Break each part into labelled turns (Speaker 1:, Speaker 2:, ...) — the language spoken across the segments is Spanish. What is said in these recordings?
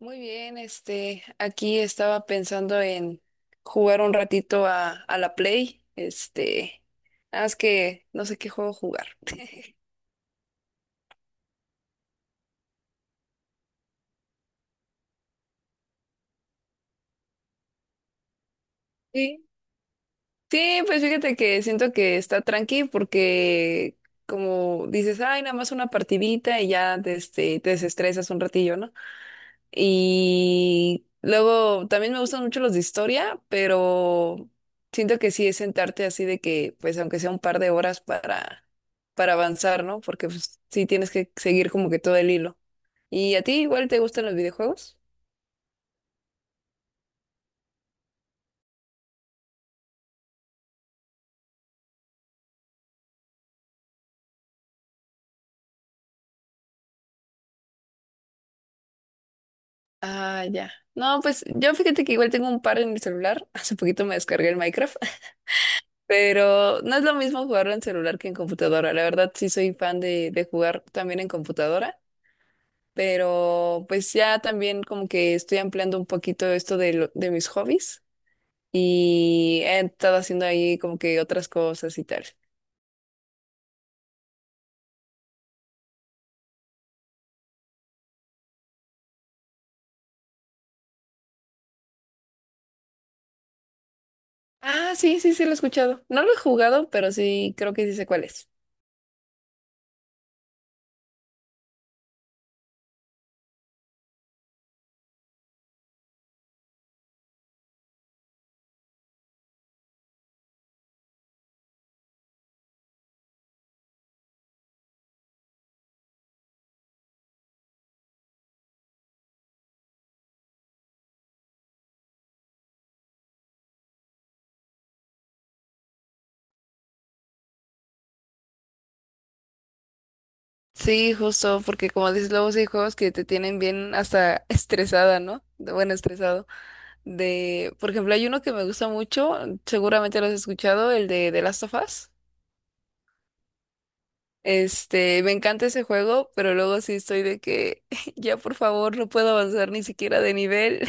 Speaker 1: Muy bien, aquí estaba pensando en jugar un ratito a la Play, nada más que no sé qué juego jugar. Sí, sí, pues fíjate que siento que está tranqui porque como dices, ay, nada más una partidita y ya te desestresas un ratillo, ¿no? Y luego también me gustan mucho los de historia, pero siento que sí es sentarte así de que, pues aunque sea un par de horas para avanzar, ¿no? Porque pues, sí tienes que seguir como que todo el hilo. ¿Y a ti igual te gustan los videojuegos? Ah, ya. No, pues yo fíjate que igual tengo un par en mi celular. Hace poquito me descargué el Minecraft, pero no es lo mismo jugarlo en celular que en computadora. La verdad sí soy fan de jugar también en computadora. Pero pues ya también como que estoy ampliando un poquito esto de, de mis hobbies, y he estado haciendo ahí como que otras cosas y tal. Ah, sí, sí, sí, lo he escuchado. No lo he jugado, pero sí creo que sí sé cuál es. Sí, justo, porque como dices, luego sí hay juegos que te tienen bien hasta estresada, ¿no? Bueno, estresado. De, por ejemplo, hay uno que me gusta mucho, seguramente lo has escuchado, el de The Last of Us. Me encanta ese juego, pero luego sí estoy de que ya por favor no puedo avanzar ni siquiera de nivel,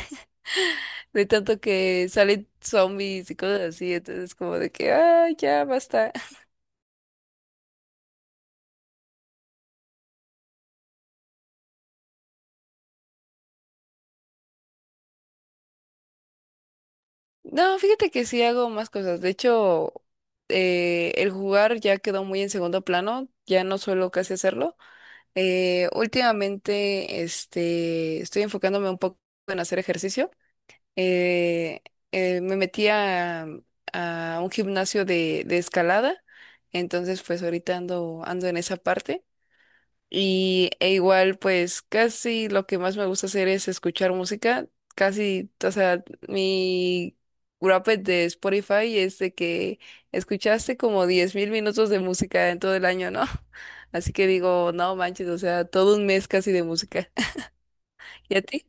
Speaker 1: de tanto que salen zombies y cosas así, entonces como de que, ah, ya basta. No, fíjate que sí hago más cosas, de hecho, el jugar ya quedó muy en segundo plano, ya no suelo casi hacerlo. Últimamente, estoy enfocándome un poco en hacer ejercicio. eh, me metí a un gimnasio de escalada, entonces pues ahorita ando, ando en esa parte. Y e igual pues casi lo que más me gusta hacer es escuchar música, casi, o sea, mi wrapped de Spotify es de que escuchaste como 10.000 minutos de música en todo el año, ¿no? Así que digo, no manches, o sea, todo un mes casi de música. ¿Y a ti?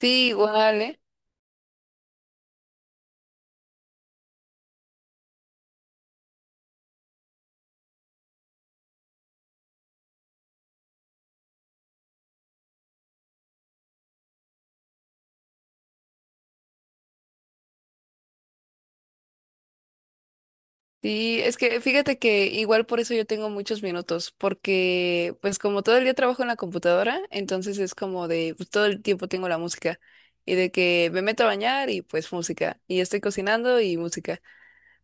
Speaker 1: Sí, igual, ¿eh? Sí, es que fíjate que igual por eso yo tengo muchos minutos, porque pues como todo el día trabajo en la computadora, entonces es como de pues, todo el tiempo tengo la música, y de que me meto a bañar y pues música y estoy cocinando y música,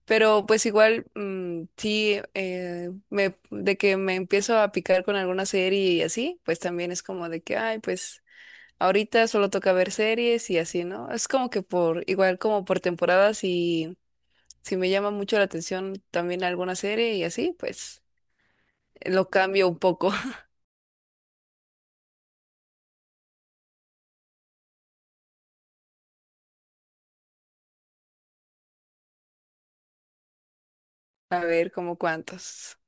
Speaker 1: pero pues igual, sí, me de que me empiezo a picar con alguna serie y así, pues también es como de que ay pues ahorita solo toca ver series y así, ¿no? Es como que por igual como por temporadas, si me llama mucho la atención también alguna serie y así, pues lo cambio un poco. A ver, como cuántos.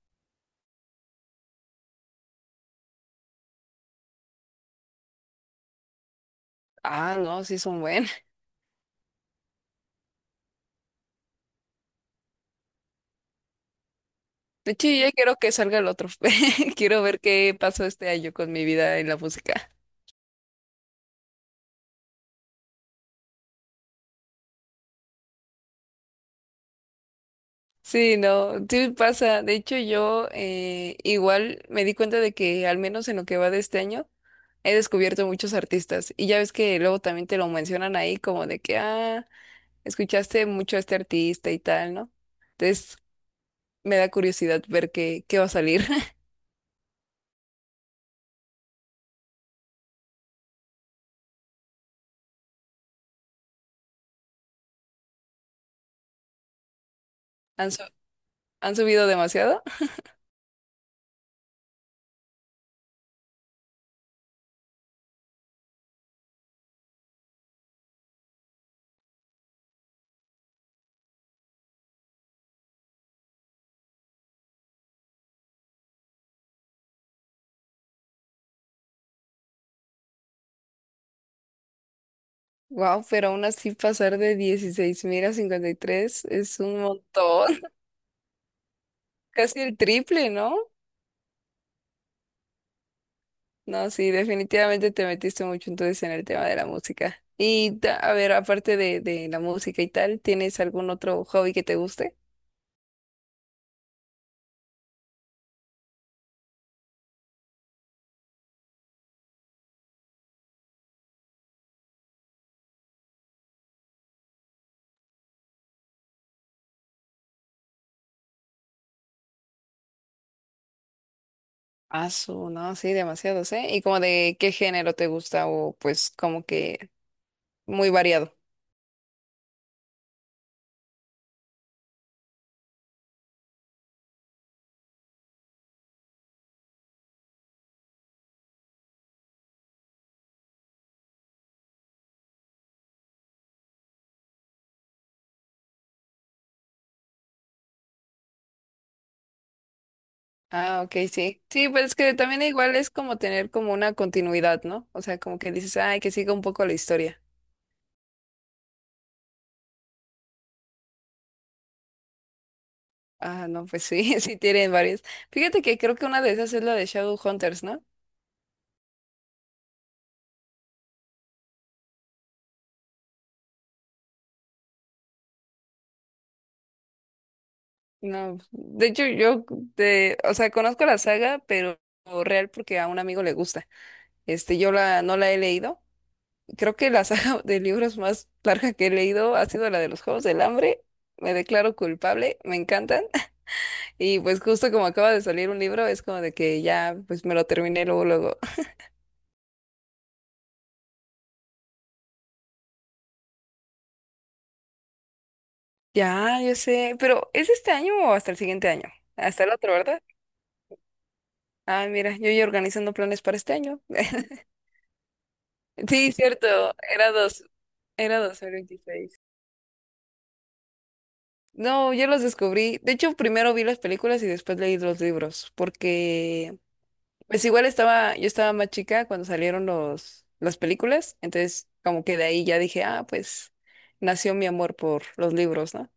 Speaker 1: Ah, no, sí son buenos. De hecho, yo ya quiero que salga el otro. Quiero ver qué pasó este año con mi vida en la música. Sí, no, sí pasa. De hecho, yo, igual me di cuenta de que al menos en lo que va de este año, he descubierto muchos artistas. Y ya ves que luego también te lo mencionan ahí como de que, ah, escuchaste mucho a este artista y tal, ¿no? Entonces me da curiosidad ver qué va a salir. ¿Han, su- han subido demasiado? Wow, pero aún así pasar de 16.000 a 53 es un montón. Casi el triple, ¿no? No, sí, definitivamente te metiste mucho entonces en el tema de la música. Y a ver, aparte de la música y tal, ¿tienes algún otro hobby que te guste? Ah, no, sí, demasiados, ¿eh? ¿Y como de qué género te gusta o pues como que muy variado? Ah, ok, sí. Sí, pues es que también igual es como tener como una continuidad, ¿no? O sea, como que dices, ay, que siga un poco la historia. Ah, no, pues sí, sí tienen varias. Fíjate que creo que una de esas es la de Shadowhunters, ¿no? No, de hecho yo, o sea, conozco la saga, pero real porque a un amigo le gusta. Yo la, no la he leído. Creo que la saga de libros más larga que he leído ha sido la de los Juegos del Hambre. Me declaro culpable, me encantan. Y pues justo como acaba de salir un libro, es como de que ya, pues me lo terminé luego, luego. Ya, yo sé, pero ¿es este año o hasta el siguiente año? Hasta el otro, ¿verdad? Ah, mira, yo ya organizando planes para este año. Sí, cierto, era dos, era 2026. No, yo los descubrí. De hecho, primero vi las películas y después leí los libros, porque pues igual yo estaba más chica cuando salieron las películas, entonces como que de ahí ya dije, ah, pues nació mi amor por los libros, ¿no?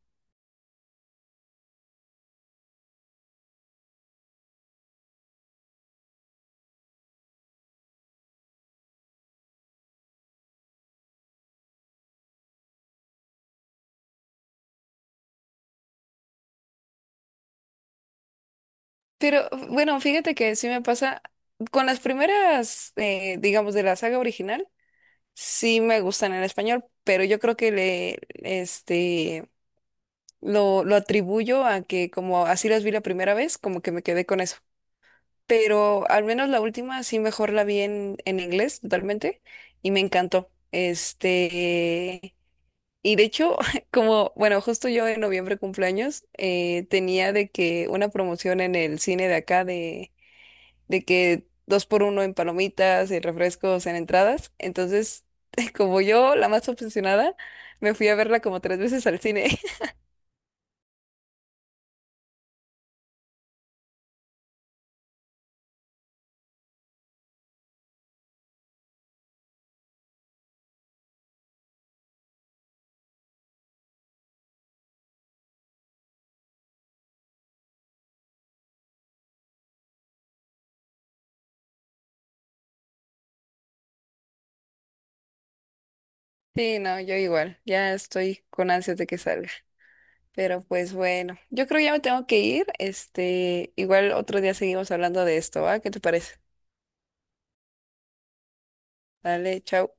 Speaker 1: Pero bueno, fíjate que sí me pasa con las primeras, digamos, de la saga original, sí me gustan en español, pero yo creo que lo atribuyo a que como así las vi la primera vez, como que me quedé con eso. Pero al menos la última sí mejor la vi en inglés totalmente y me encantó. Y de hecho, como, bueno, justo yo en noviembre cumpleaños, tenía de que una promoción en el cine de acá de que dos por uno en palomitas y refrescos en entradas. Entonces, como yo, la más obsesionada, me fui a verla como tres veces al cine. Sí, no, yo igual, ya estoy con ansias de que salga. Pero pues bueno, yo creo ya me tengo que ir. Igual otro día seguimos hablando de esto, ¿va? ¿Qué te parece? Dale, chao.